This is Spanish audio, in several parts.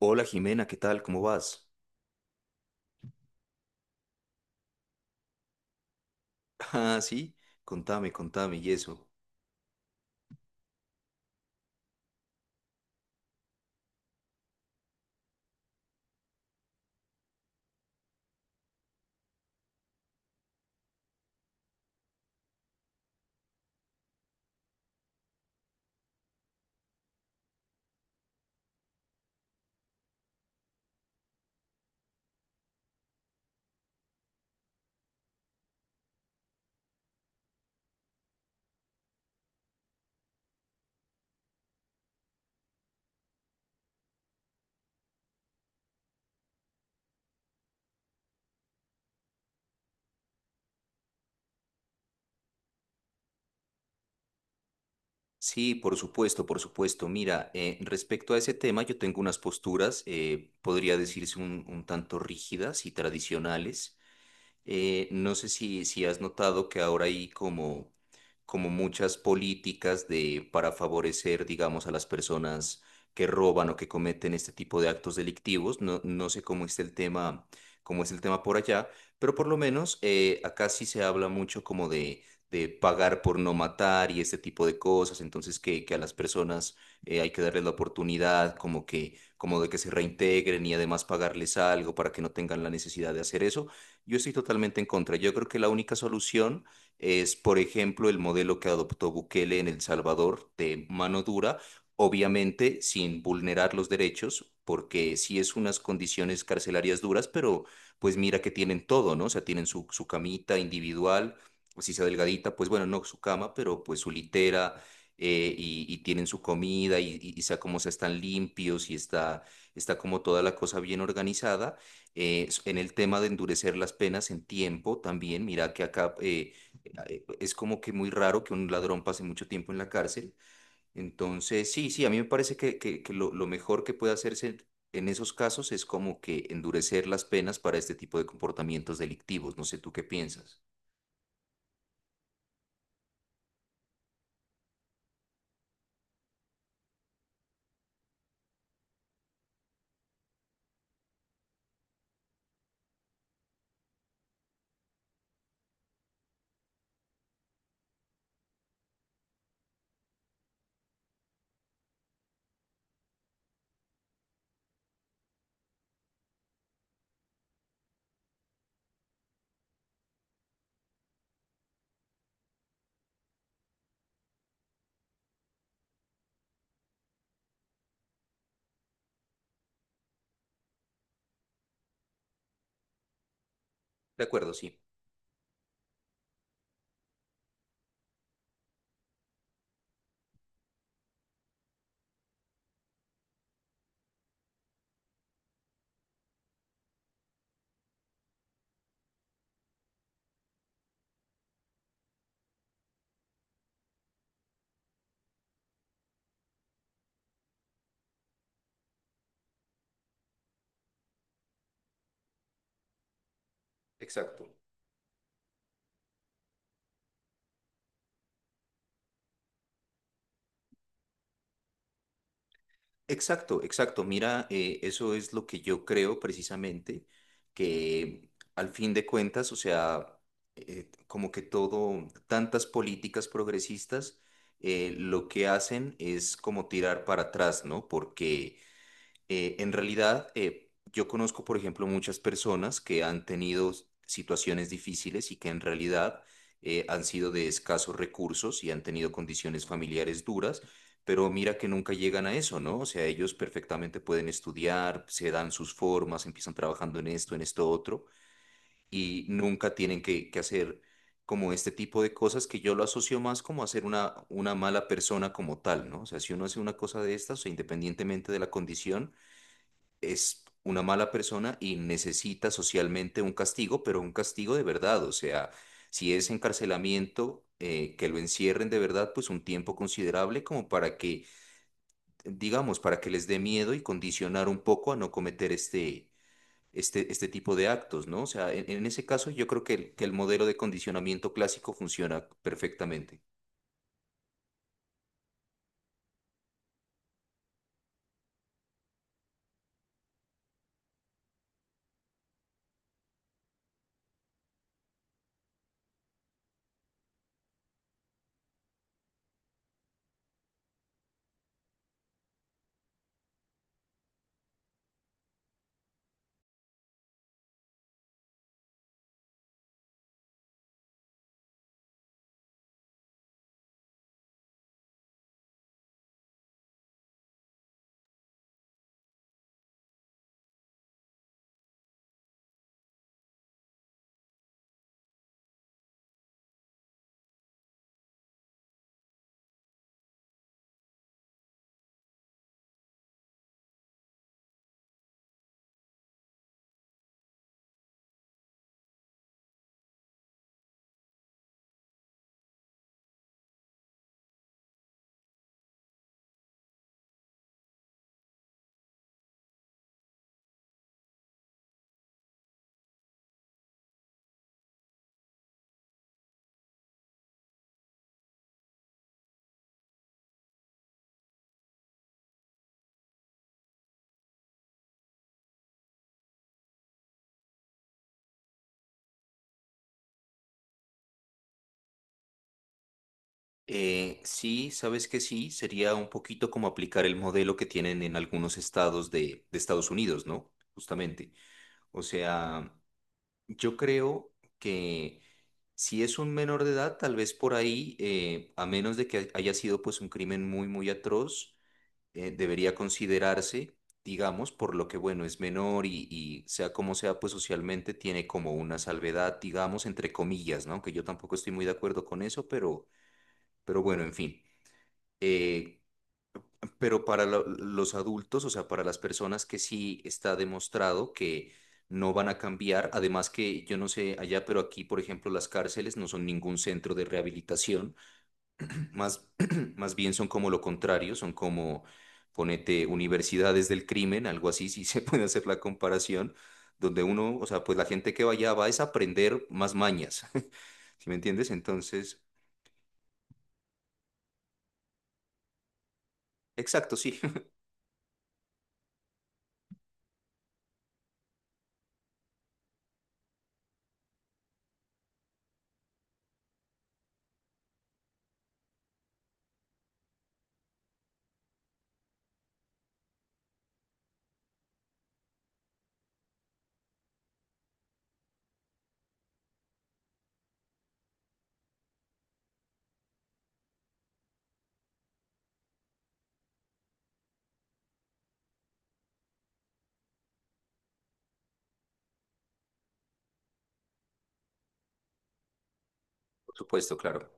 Hola Jimena, ¿qué tal? ¿Cómo vas? Ah, sí, contame y eso. Sí, por supuesto, por supuesto. Mira, respecto a ese tema, yo tengo unas posturas, podría decirse un tanto rígidas y tradicionales. No sé si has notado que ahora hay como muchas políticas de, para favorecer, digamos, a las personas que roban o que cometen este tipo de actos delictivos. No sé cómo está el tema, cómo es el tema por allá, pero por lo menos acá sí se habla mucho de pagar por no matar y este tipo de cosas. Entonces que a las personas hay que darles la oportunidad, como de que se reintegren y además pagarles algo para que no tengan la necesidad de hacer eso. Yo estoy totalmente en contra. Yo creo que la única solución es, por ejemplo, el modelo que adoptó Bukele en El Salvador de mano dura, obviamente sin vulnerar los derechos, porque sí es unas condiciones carcelarias duras, pero pues mira que tienen todo, ¿no? O sea, tienen su camita individual, o si sea delgadita, pues bueno, no su cama, pero pues su litera. Y tienen su comida y sea como sea, están limpios y está como toda la cosa bien organizada. En el tema de endurecer las penas en tiempo también, mira que acá es como que muy raro que un ladrón pase mucho tiempo en la cárcel. Entonces, sí, sí, a mí me parece que lo mejor que puede hacerse en esos casos es como que endurecer las penas para este tipo de comportamientos delictivos. No sé tú qué piensas. De acuerdo, sí, exacto. Exacto, exacto. Mira, eso es lo que yo creo precisamente, que al fin de cuentas, o sea, como que todo, tantas políticas progresistas, lo que hacen es como tirar para atrás, ¿no? Porque en realidad, yo conozco, por ejemplo, muchas personas que han tenido situaciones difíciles y que en realidad han sido de escasos recursos y han tenido condiciones familiares duras, pero mira que nunca llegan a eso, ¿no? O sea, ellos perfectamente pueden estudiar, se dan sus formas, empiezan trabajando en esto otro, y nunca tienen que hacer como este tipo de cosas que yo lo asocio más como a ser una mala persona como tal, ¿no? O sea, si uno hace una cosa de estas, o sea, independientemente de la condición, es una mala persona y necesita socialmente un castigo, pero un castigo de verdad. O sea, si es encarcelamiento, que lo encierren de verdad, pues un tiempo considerable como para que, digamos, para que les dé miedo y condicionar un poco a no cometer este tipo de actos, ¿no? O sea, en ese caso yo creo que el modelo de condicionamiento clásico funciona perfectamente. Sí, sabes que sí, sería un poquito como aplicar el modelo que tienen en algunos estados de Estados Unidos, ¿no? Justamente. O sea, yo creo que si es un menor de edad, tal vez por ahí, a menos de que haya sido pues un crimen muy, muy atroz, debería considerarse, digamos, por lo que, bueno, es menor y sea como sea, pues socialmente tiene como una salvedad, digamos, entre comillas, ¿no? Que yo tampoco estoy muy de acuerdo con eso, pero bueno, en fin. Eh, pero para los adultos, o sea, para las personas que sí está demostrado que no van a cambiar, además que yo no sé allá, pero aquí, por ejemplo, las cárceles no son ningún centro de rehabilitación, más, más bien son como lo contrario, son como, ponete, universidades del crimen, algo así, si se puede hacer la comparación, donde uno, o sea, pues la gente que vaya va es a aprender más mañas, ¿sí me entiendes? Entonces, exacto, sí, por supuesto, claro.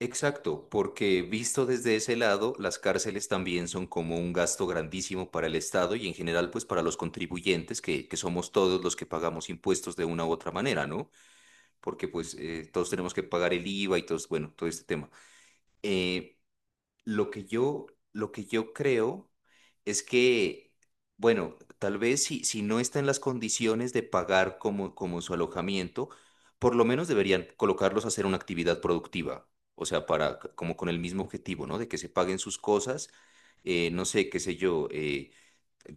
Exacto, porque visto desde ese lado, las cárceles también son como un gasto grandísimo para el Estado y en general pues para los contribuyentes, que somos todos los que pagamos impuestos de una u otra manera, ¿no? Porque pues todos tenemos que pagar el IVA y todos, bueno, todo este tema. Eh, lo que yo, lo que yo creo es que, bueno, tal vez si no está en las condiciones de pagar como su alojamiento, por lo menos deberían colocarlos a hacer una actividad productiva. O sea, como con el mismo objetivo, ¿no? De que se paguen sus cosas, no sé, qué sé yo,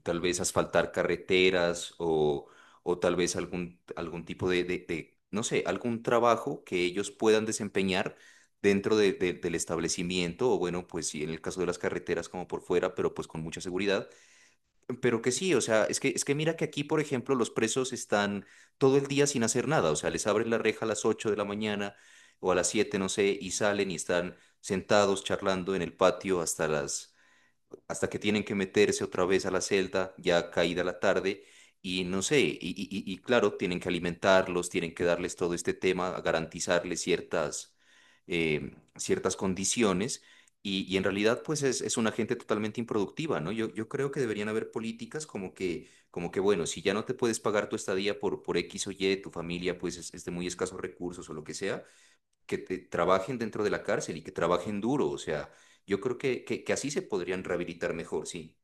tal vez asfaltar carreteras o tal vez algún tipo no sé, algún trabajo que ellos puedan desempeñar dentro del establecimiento o bueno, pues sí, en el caso de las carreteras como por fuera, pero pues con mucha seguridad. Pero que sí, o sea, es que mira que aquí, por ejemplo, los presos están todo el día sin hacer nada, o sea, les abren la reja a las 8 de la mañana o a las 7 no sé, y salen y están sentados charlando en el patio hasta que tienen que meterse otra vez a la celda, ya caída la tarde, y no sé, y claro, tienen que alimentarlos, tienen que darles todo este tema, a garantizarles ciertas condiciones, y en realidad pues es una gente totalmente improductiva, ¿no? Yo creo que deberían haber políticas bueno, si ya no te puedes pagar tu estadía por X o Y, tu familia pues es de muy escasos recursos o lo que sea que trabajen dentro de la cárcel y que trabajen duro. O sea, yo creo que así se podrían rehabilitar mejor, sí.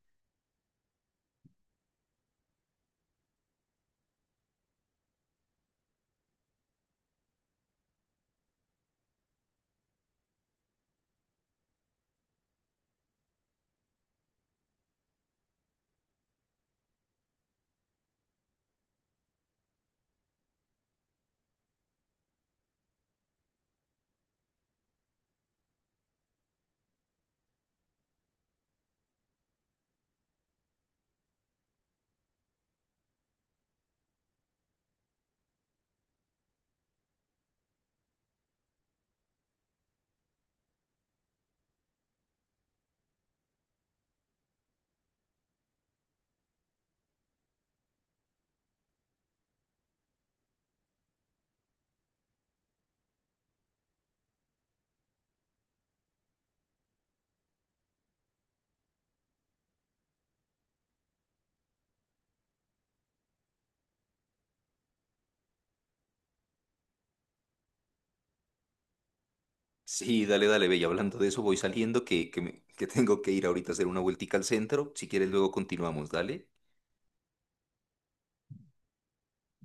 Sí, dale, dale, Bella. Hablando de eso, voy saliendo, que tengo que ir ahorita a hacer una vueltica al centro. Si quieres, luego continuamos, dale.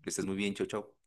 Que estés muy bien, chao, chao.